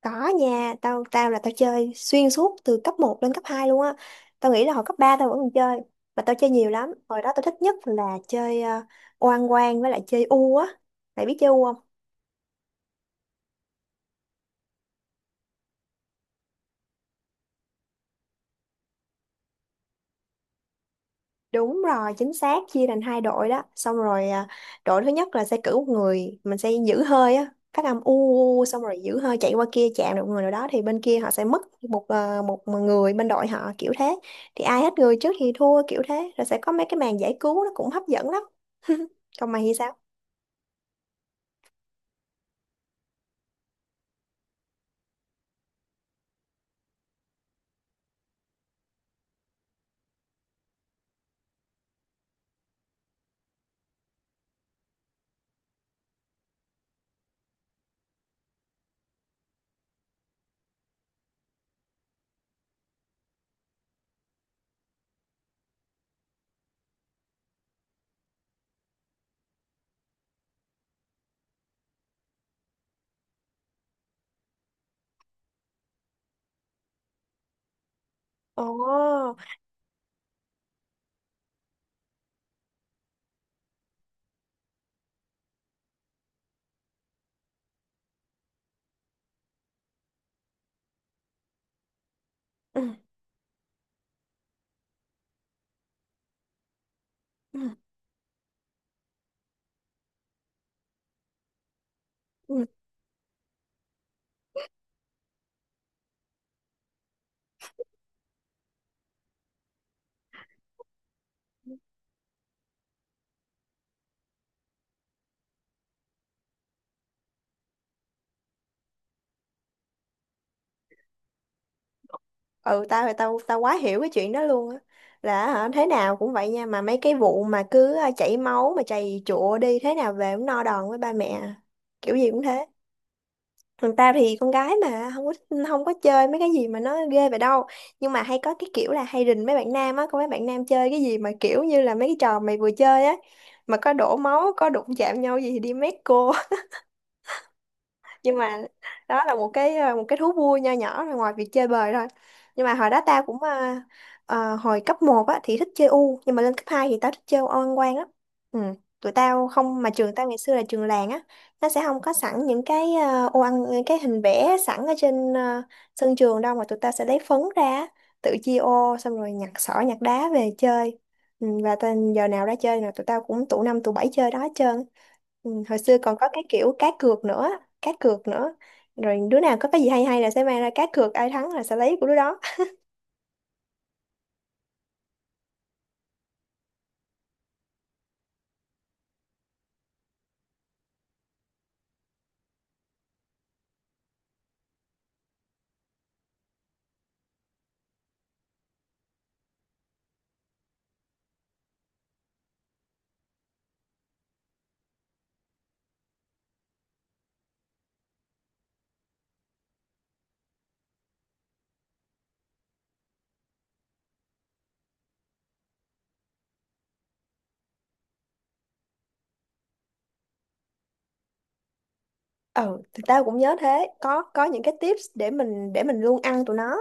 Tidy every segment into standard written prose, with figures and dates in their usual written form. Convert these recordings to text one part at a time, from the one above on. Có nha, tao tao là tao chơi xuyên suốt từ cấp một lên cấp 2 luôn á. Tao nghĩ là hồi cấp 3 tao vẫn còn chơi, mà tao chơi nhiều lắm. Hồi đó tao thích nhất là chơi oan quan với lại chơi u á. Mày biết chơi u không? Đúng rồi, chính xác, chia thành hai đội đó. Xong rồi à, đội thứ nhất là sẽ cử một người, mình sẽ giữ hơi á, phát âm u, u, u, xong rồi giữ hơi chạy qua kia chạm được người nào đó thì bên kia họ sẽ mất một à, một người bên đội họ kiểu thế. Thì ai hết người trước thì thua kiểu thế, rồi sẽ có mấy cái màn giải cứu nó cũng hấp dẫn lắm. Còn mày thì sao? Ồ. Ừ. Ừ. ừ tao thì tao tao quá hiểu cái chuyện đó luôn á, là hả, thế nào cũng vậy nha mà mấy cái vụ mà cứ chảy máu mà chày chụa đi thế nào về cũng no đòn với ba mẹ à. Kiểu gì cũng thế. Còn tao thì con gái mà không có, không có chơi mấy cái gì mà nó ghê vậy đâu, nhưng mà hay có cái kiểu là hay rình mấy bạn nam á, có mấy bạn nam chơi cái gì mà kiểu như là mấy cái trò mày vừa chơi á mà có đổ máu có đụng chạm nhau gì thì đi mét cô. Nhưng mà đó là một cái một cái thú vui nho nhỏ rồi ngoài việc chơi bời thôi. Nhưng mà hồi đó tao cũng hồi cấp một á thì thích chơi u, nhưng mà lên cấp 2 thì tao thích chơi oan quan á. Ừ. Tụi tao không, mà trường tao ngày xưa là trường làng á, nó sẽ không có sẵn những cái ô ăn, những cái hình vẽ sẵn ở trên sân trường đâu, mà tụi tao sẽ lấy phấn ra á, tự chia ô xong rồi nhặt sỏi nhặt đá về chơi. Ừ. Và tên giờ nào ra chơi là tụi tao cũng tụ năm tụ bảy chơi đó hết trơn. Ừ, hồi xưa còn có cái kiểu cá cược nữa, cá cược nữa, rồi đứa nào có cái gì hay hay là sẽ mang ra cá cược, ai thắng là sẽ lấy của đứa đó. Ừ, thì tao cũng nhớ thế, có những cái tips để mình luôn ăn tụi nó.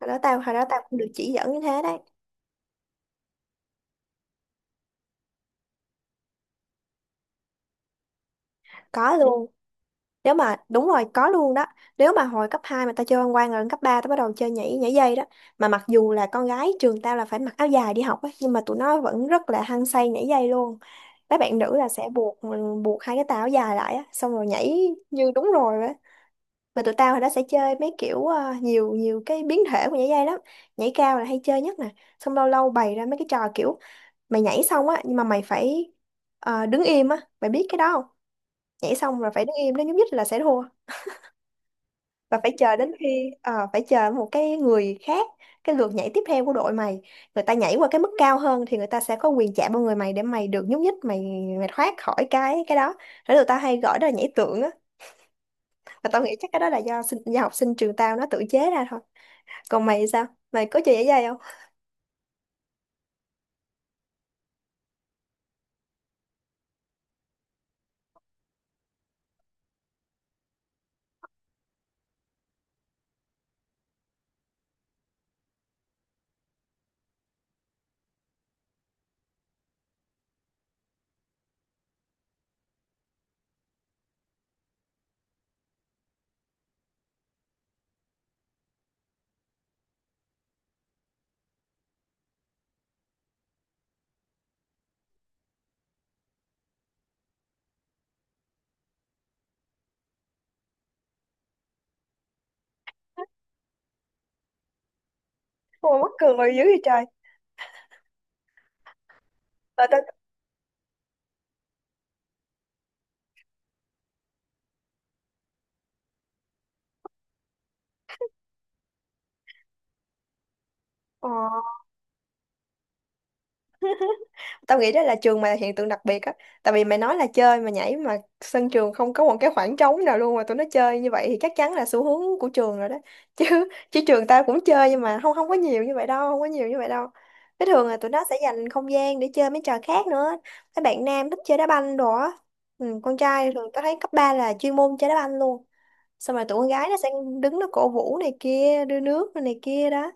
Hồi đó tao hồi đó tao cũng được chỉ dẫn như thế đấy. Có luôn. Nếu mà đúng rồi, có luôn đó. Nếu mà hồi cấp 2 mà tao chơi văn quan rồi lên cấp 3 tao bắt đầu chơi nhảy nhảy dây đó. Mà mặc dù là con gái trường tao là phải mặc áo dài đi học ấy, nhưng mà tụi nó vẫn rất là hăng say nhảy dây luôn. Mấy bạn nữ là sẽ buộc buộc hai cái tà áo dài lại á, xong rồi nhảy như đúng rồi. Mà tụi tao hồi đó sẽ chơi mấy kiểu nhiều nhiều cái biến thể của nhảy dây lắm. Nhảy cao là hay chơi nhất nè. Xong lâu lâu bày ra mấy cái trò kiểu mày nhảy xong á, nhưng mà mày phải đứng im á, mày biết cái đó không? Nhảy xong rồi phải đứng im, nếu nhúc nhích là sẽ thua, và phải chờ đến khi phải chờ một cái người khác, cái lượt nhảy tiếp theo của đội mày, người ta nhảy qua cái mức cao hơn thì người ta sẽ có quyền chạm vào người mày để mày được nhúc nhích, mày mày thoát khỏi cái đó. Thế tụi tao hay gọi đó là nhảy tượng á, và tao nghĩ chắc cái đó là do học sinh trường tao nó tự chế ra thôi. Còn mày thì sao? Mày có chơi giải dây không? Ôi mắc cười dữ vậy trời. Và tao. Ờ, tao nghĩ đó là trường mày là hiện tượng đặc biệt á. Tại vì mày nói là chơi mà nhảy mà sân trường không có một cái khoảng trống nào luôn mà tụi nó chơi như vậy thì chắc chắn là xu hướng của trường rồi đó. Chứ chứ trường tao cũng chơi nhưng mà không không có nhiều như vậy đâu, không có nhiều như vậy đâu. Cái thường là tụi nó sẽ dành không gian để chơi mấy trò khác nữa. Mấy bạn nam thích chơi đá banh đồ á. Ừ, con trai thường tao thấy cấp 3 là chuyên môn chơi đá banh luôn. Xong rồi tụi con gái nó sẽ đứng nó cổ vũ này kia, đưa nước này kia đó.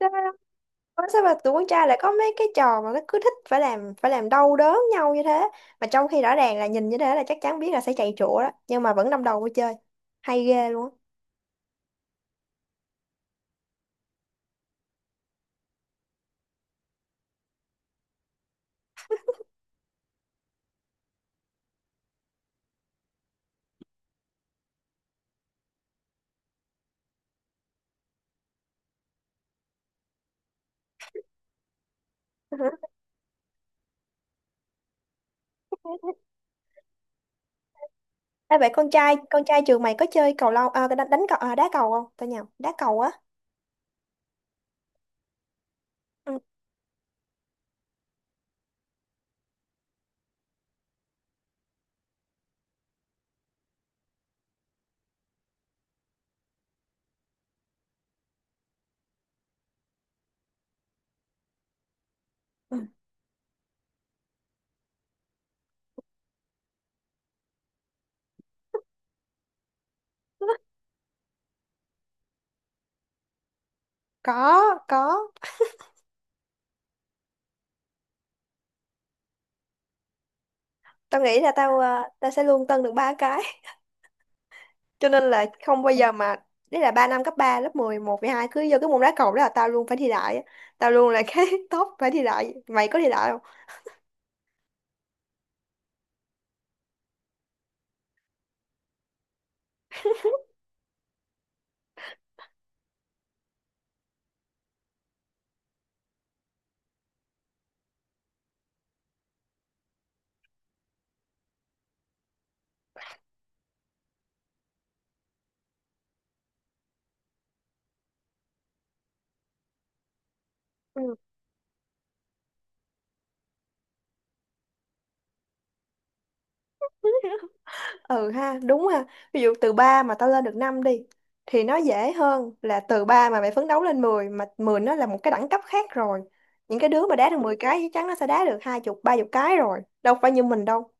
Sao, ủa sao mà tụi con trai lại có mấy cái trò mà nó cứ thích phải làm đau đớn nhau như thế, mà trong khi rõ ràng là nhìn như thế là chắc chắn biết là sẽ chạy chỗ đó nhưng mà vẫn đâm đầu vô chơi, hay ghê luôn á. Ê, vậy con trai trường mày có chơi cầu lông à, đánh cầu à, đá cầu không, tao nhầm, đá cầu á. Ừ. Ừ. có có, tao nghĩ là tao tao sẽ luôn tân được ba cái. Cho nên là không bao giờ mà, đấy là ba năm cấp 3 lớp mười một 11, hai cứ vô cái môn đá cầu đó là tao luôn phải thi đại á. Tao luôn là cái top phải thi đại, mày có thi đại không? Ừ ha, đúng ha. Ví dụ từ 3 mà tao lên được 5 đi thì nó dễ hơn là từ 3 mà mày phấn đấu lên mười, mà 10 nó là một cái đẳng cấp khác rồi. Những cái đứa mà đá được 10 cái chắc chắn nó sẽ đá được hai chục ba chục cái rồi, đâu phải như mình đâu.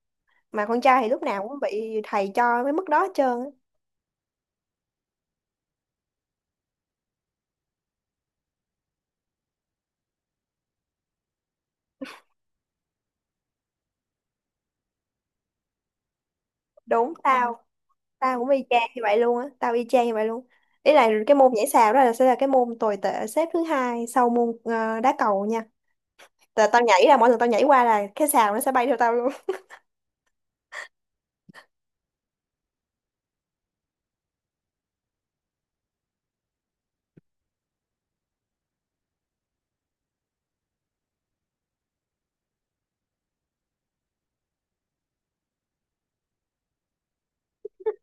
Mà con trai thì lúc nào cũng bị thầy cho cái mức đó hết trơn á. Đúng. Tao Tao cũng y chang như vậy luôn á, tao y chang như vậy luôn. Ý là cái môn nhảy sào đó là sẽ là cái môn tồi tệ xếp thứ hai sau môn đá cầu nha. Là tao nhảy là mỗi lần tao nhảy qua là cái sào nó sẽ bay theo tao luôn.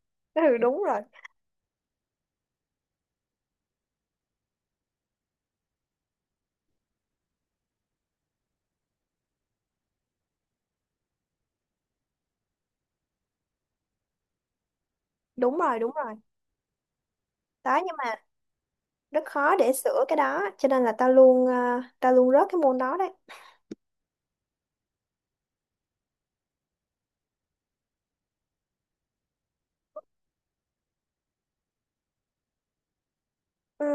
Ừ đúng rồi, đúng rồi. Đó nhưng mà rất khó để sửa cái đó, cho nên là tao luôn tao luôn rớt cái môn đó đấy. Ừ,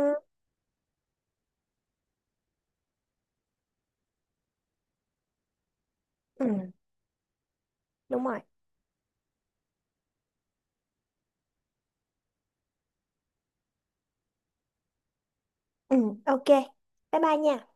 ừ, đúng rồi. Ừ, ok, bye bye nha.